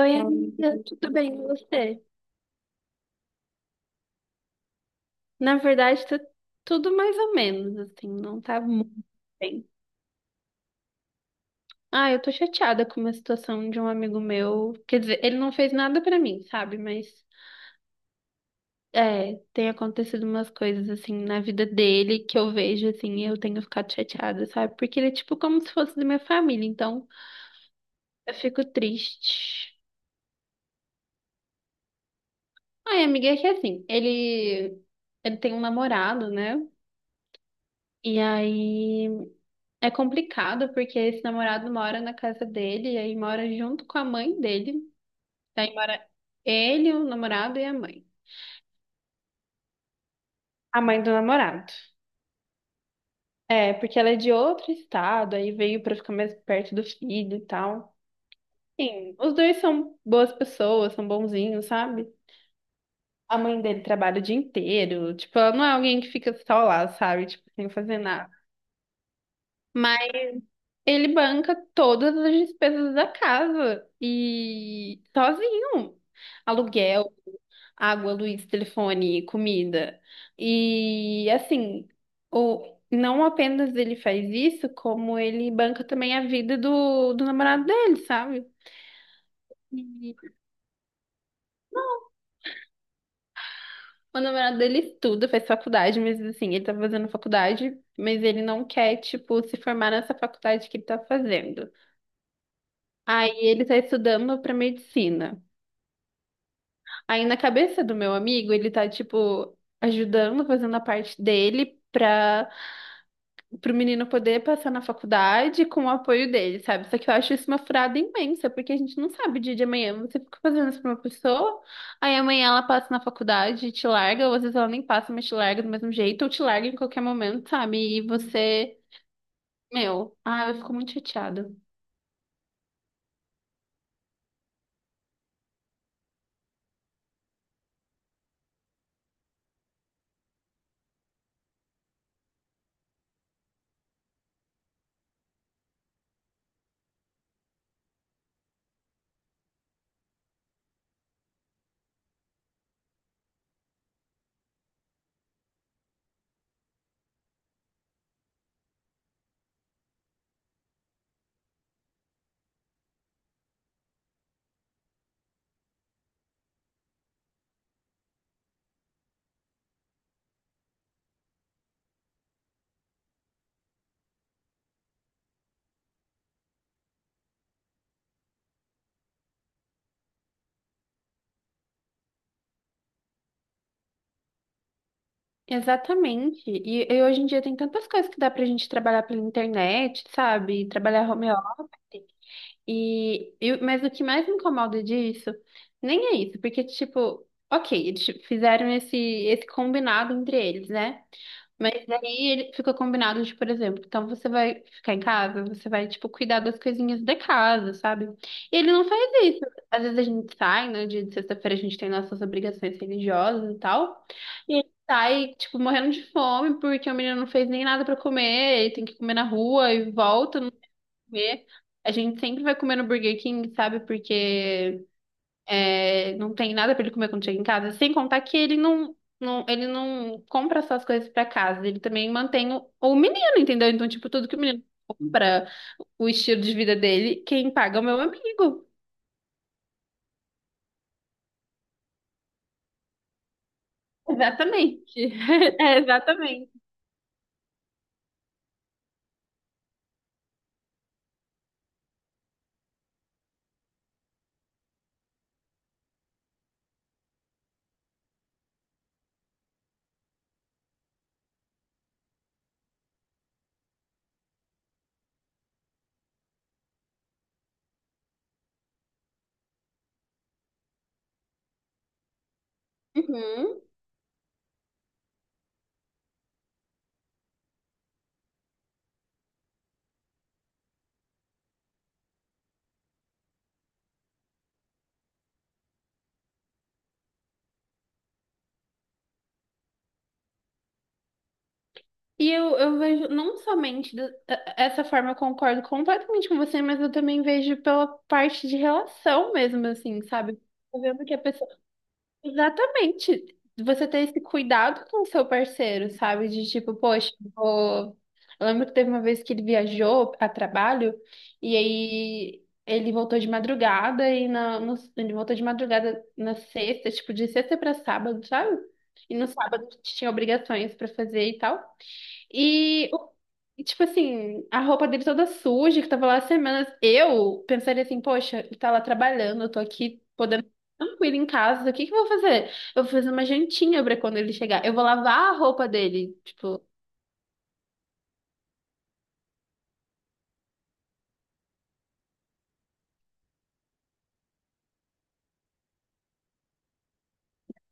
Oi, amiga, tudo bem com você? Na verdade, tá tudo mais ou menos, assim, não tá muito bem. Ah, eu tô chateada com uma situação de um amigo meu. Quer dizer, ele não fez nada pra mim, sabe? Mas é, tem acontecido umas coisas assim na vida dele que eu vejo assim, e eu tenho ficado chateada, sabe? Porque ele é tipo como se fosse da minha família, então eu fico triste. Ai, amiga, é que assim, ele tem um namorado, né? E aí é complicado porque esse namorado mora na casa dele e aí mora junto com a mãe dele. Aí mora ele, o namorado e a mãe. A mãe do namorado. É, porque ela é de outro estado, aí veio pra ficar mais perto do filho e tal. Sim, os dois são boas pessoas, são bonzinhos, sabe? A mãe dele trabalha o dia inteiro, tipo, ela não é alguém que fica só lá, sabe? Tipo, sem fazer nada. Mas ele banca todas as despesas da casa e sozinho. Aluguel, água, luz, telefone, comida. E assim, não apenas ele faz isso, como ele banca também a vida do namorado dele, sabe? E o namorado dele estuda, faz faculdade, mas assim, ele tá fazendo faculdade, mas ele não quer, tipo, se formar nessa faculdade que ele tá fazendo. Aí ele tá estudando pra medicina. Aí na cabeça do meu amigo, ele tá, tipo, ajudando, fazendo a parte dele pra, pro menino poder passar na faculdade com o apoio dele, sabe? Só que eu acho isso uma furada imensa, porque a gente não sabe o dia de amanhã. Você fica fazendo isso pra uma pessoa, aí amanhã ela passa na faculdade e te larga, ou às vezes ela nem passa, mas te larga do mesmo jeito, ou te larga em qualquer momento, sabe? E você, meu, ah, eu fico muito chateada. Exatamente. E hoje em dia tem tantas coisas que dá pra gente trabalhar pela internet, sabe? Trabalhar home office. Mas o que mais me incomoda disso nem é isso, porque, tipo, ok, eles tipo, fizeram esse combinado entre eles, né? Mas aí ele ficou combinado de, por exemplo, então você vai ficar em casa, você vai, tipo, cuidar das coisinhas da casa, sabe? E ele não faz isso. Às vezes a gente sai, no dia de sexta-feira a gente tem nossas obrigações religiosas e tal, e ele sai, tipo, morrendo de fome porque o menino não fez nem nada pra comer, ele tem que comer na rua e volta comer. A gente sempre vai comer no Burger King, sabe? Porque é, não tem nada pra ele comer quando chega em casa. Sem contar que ele ele não compra só as coisas pra casa. Ele também mantém o menino, entendeu? Então, tipo, tudo que o menino compra, o estilo de vida dele, quem paga é o meu amigo. Exatamente. É, exatamente. Uhum. E eu vejo não somente essa forma, eu concordo completamente com você, mas eu também vejo pela parte de relação mesmo, assim, sabe? Tô vendo que a pessoa. Exatamente. Você ter esse cuidado com o seu parceiro, sabe? De tipo, poxa, eu vou... eu lembro que teve uma vez que ele viajou a trabalho e aí ele voltou de madrugada e na, no- ele voltou de madrugada na sexta, tipo, de sexta pra sábado, sabe? E no sábado tinha obrigações pra fazer e tal. E, o- tipo assim, a roupa dele toda suja, que tava lá há semanas. Eu pensaria assim, poxa, ele tá lá trabalhando, eu tô aqui podendo ficar tranquilo em casa, o que que eu vou fazer? Eu vou fazer uma jantinha pra quando ele chegar. Eu vou lavar a roupa dele, tipo.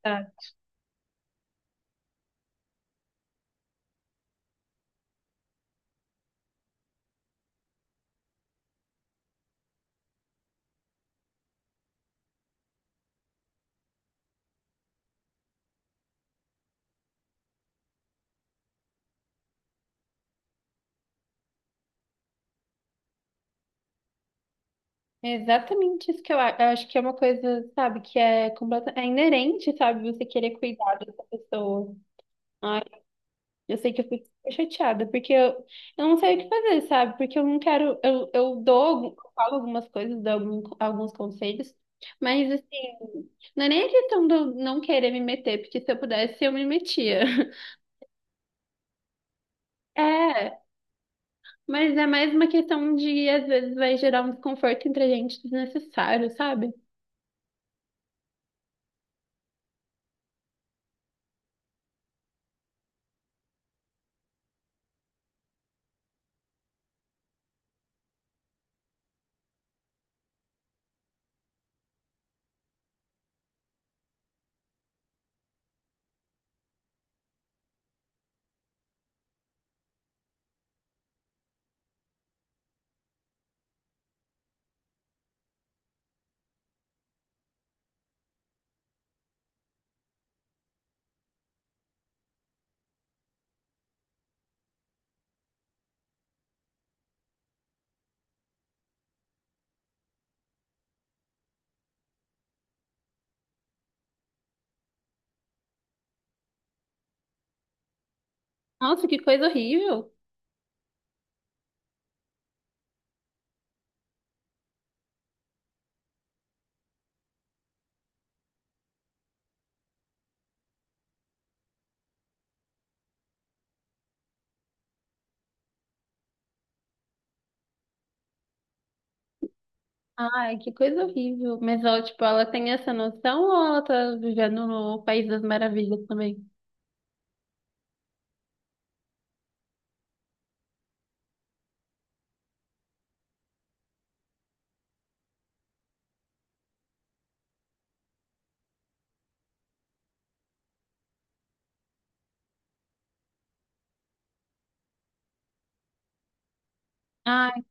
Tá. É exatamente isso que eu acho. Eu acho que é uma coisa, sabe, que é completa, é inerente, sabe, você querer cuidar dessa pessoa. Eu sei que eu fico super chateada, eu não sei o que fazer, sabe? Porque eu não quero. Eu dou, algum- eu falo algumas coisas, dou algum- alguns conselhos, mas assim, não é nem a questão de eu não querer me meter, porque se eu pudesse, eu me metia. É, mas é mais uma questão de, às vezes, vai gerar um desconforto entre a gente desnecessário, sabe? Nossa, que coisa horrível! Ai, que coisa horrível. Mas ela, tipo, ela tem essa noção ou ela tá vivendo no País das Maravilhas também? Ai,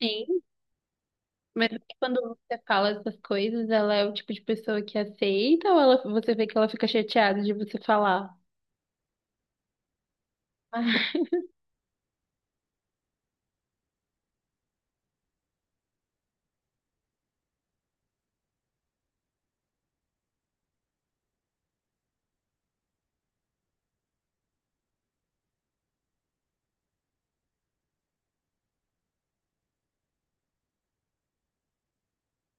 sim. Mas quando você fala essas coisas, ela é o tipo de pessoa que aceita ou ela, você vê que ela fica chateada de você falar? Ah,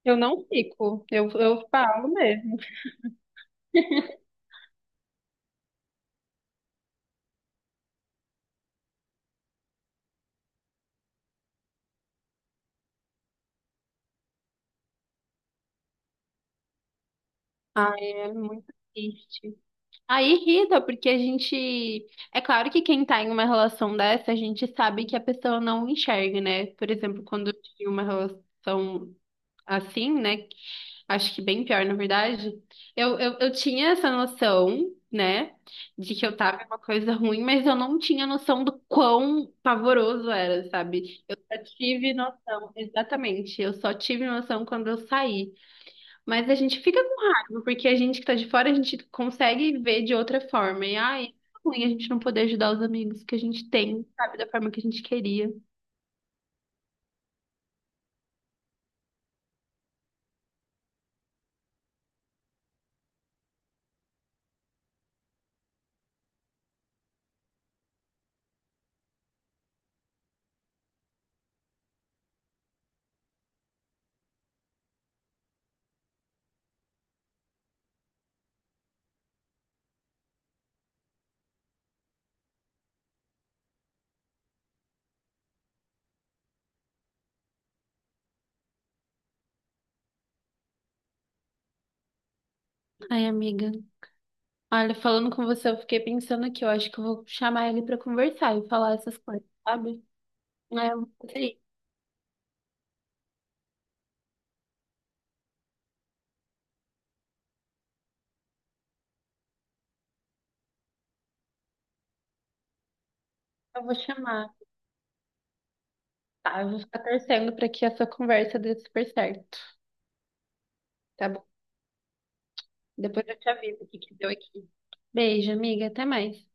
eu não fico, eu falo mesmo. Ai, é muito triste. Aí irrita, porque a gente. É claro que quem tá em uma relação dessa, a gente sabe que a pessoa não enxerga, né? Por exemplo, quando eu tive uma relação assim, né? Acho que bem pior, na verdade. Eu tinha essa noção, né, de que eu tava em uma coisa ruim, mas eu não tinha noção do quão pavoroso era, sabe? Eu só tive noção, exatamente. Eu só tive noção quando eu saí. Mas a gente fica com raiva, porque a gente que tá de fora, a gente consegue ver de outra forma. E ai, é ruim a gente não poder ajudar os amigos que a gente tem, sabe, da forma que a gente queria. Ai, amiga. Olha, falando com você, eu fiquei pensando que eu acho que eu vou chamar ele pra conversar e falar essas coisas, sabe? É, eu gostaria. Eu vou chamar, tá? Eu vou ficar torcendo pra que essa conversa dê super certo, tá bom? Depois eu te aviso o que que deu aqui. Beijo, amiga, até mais.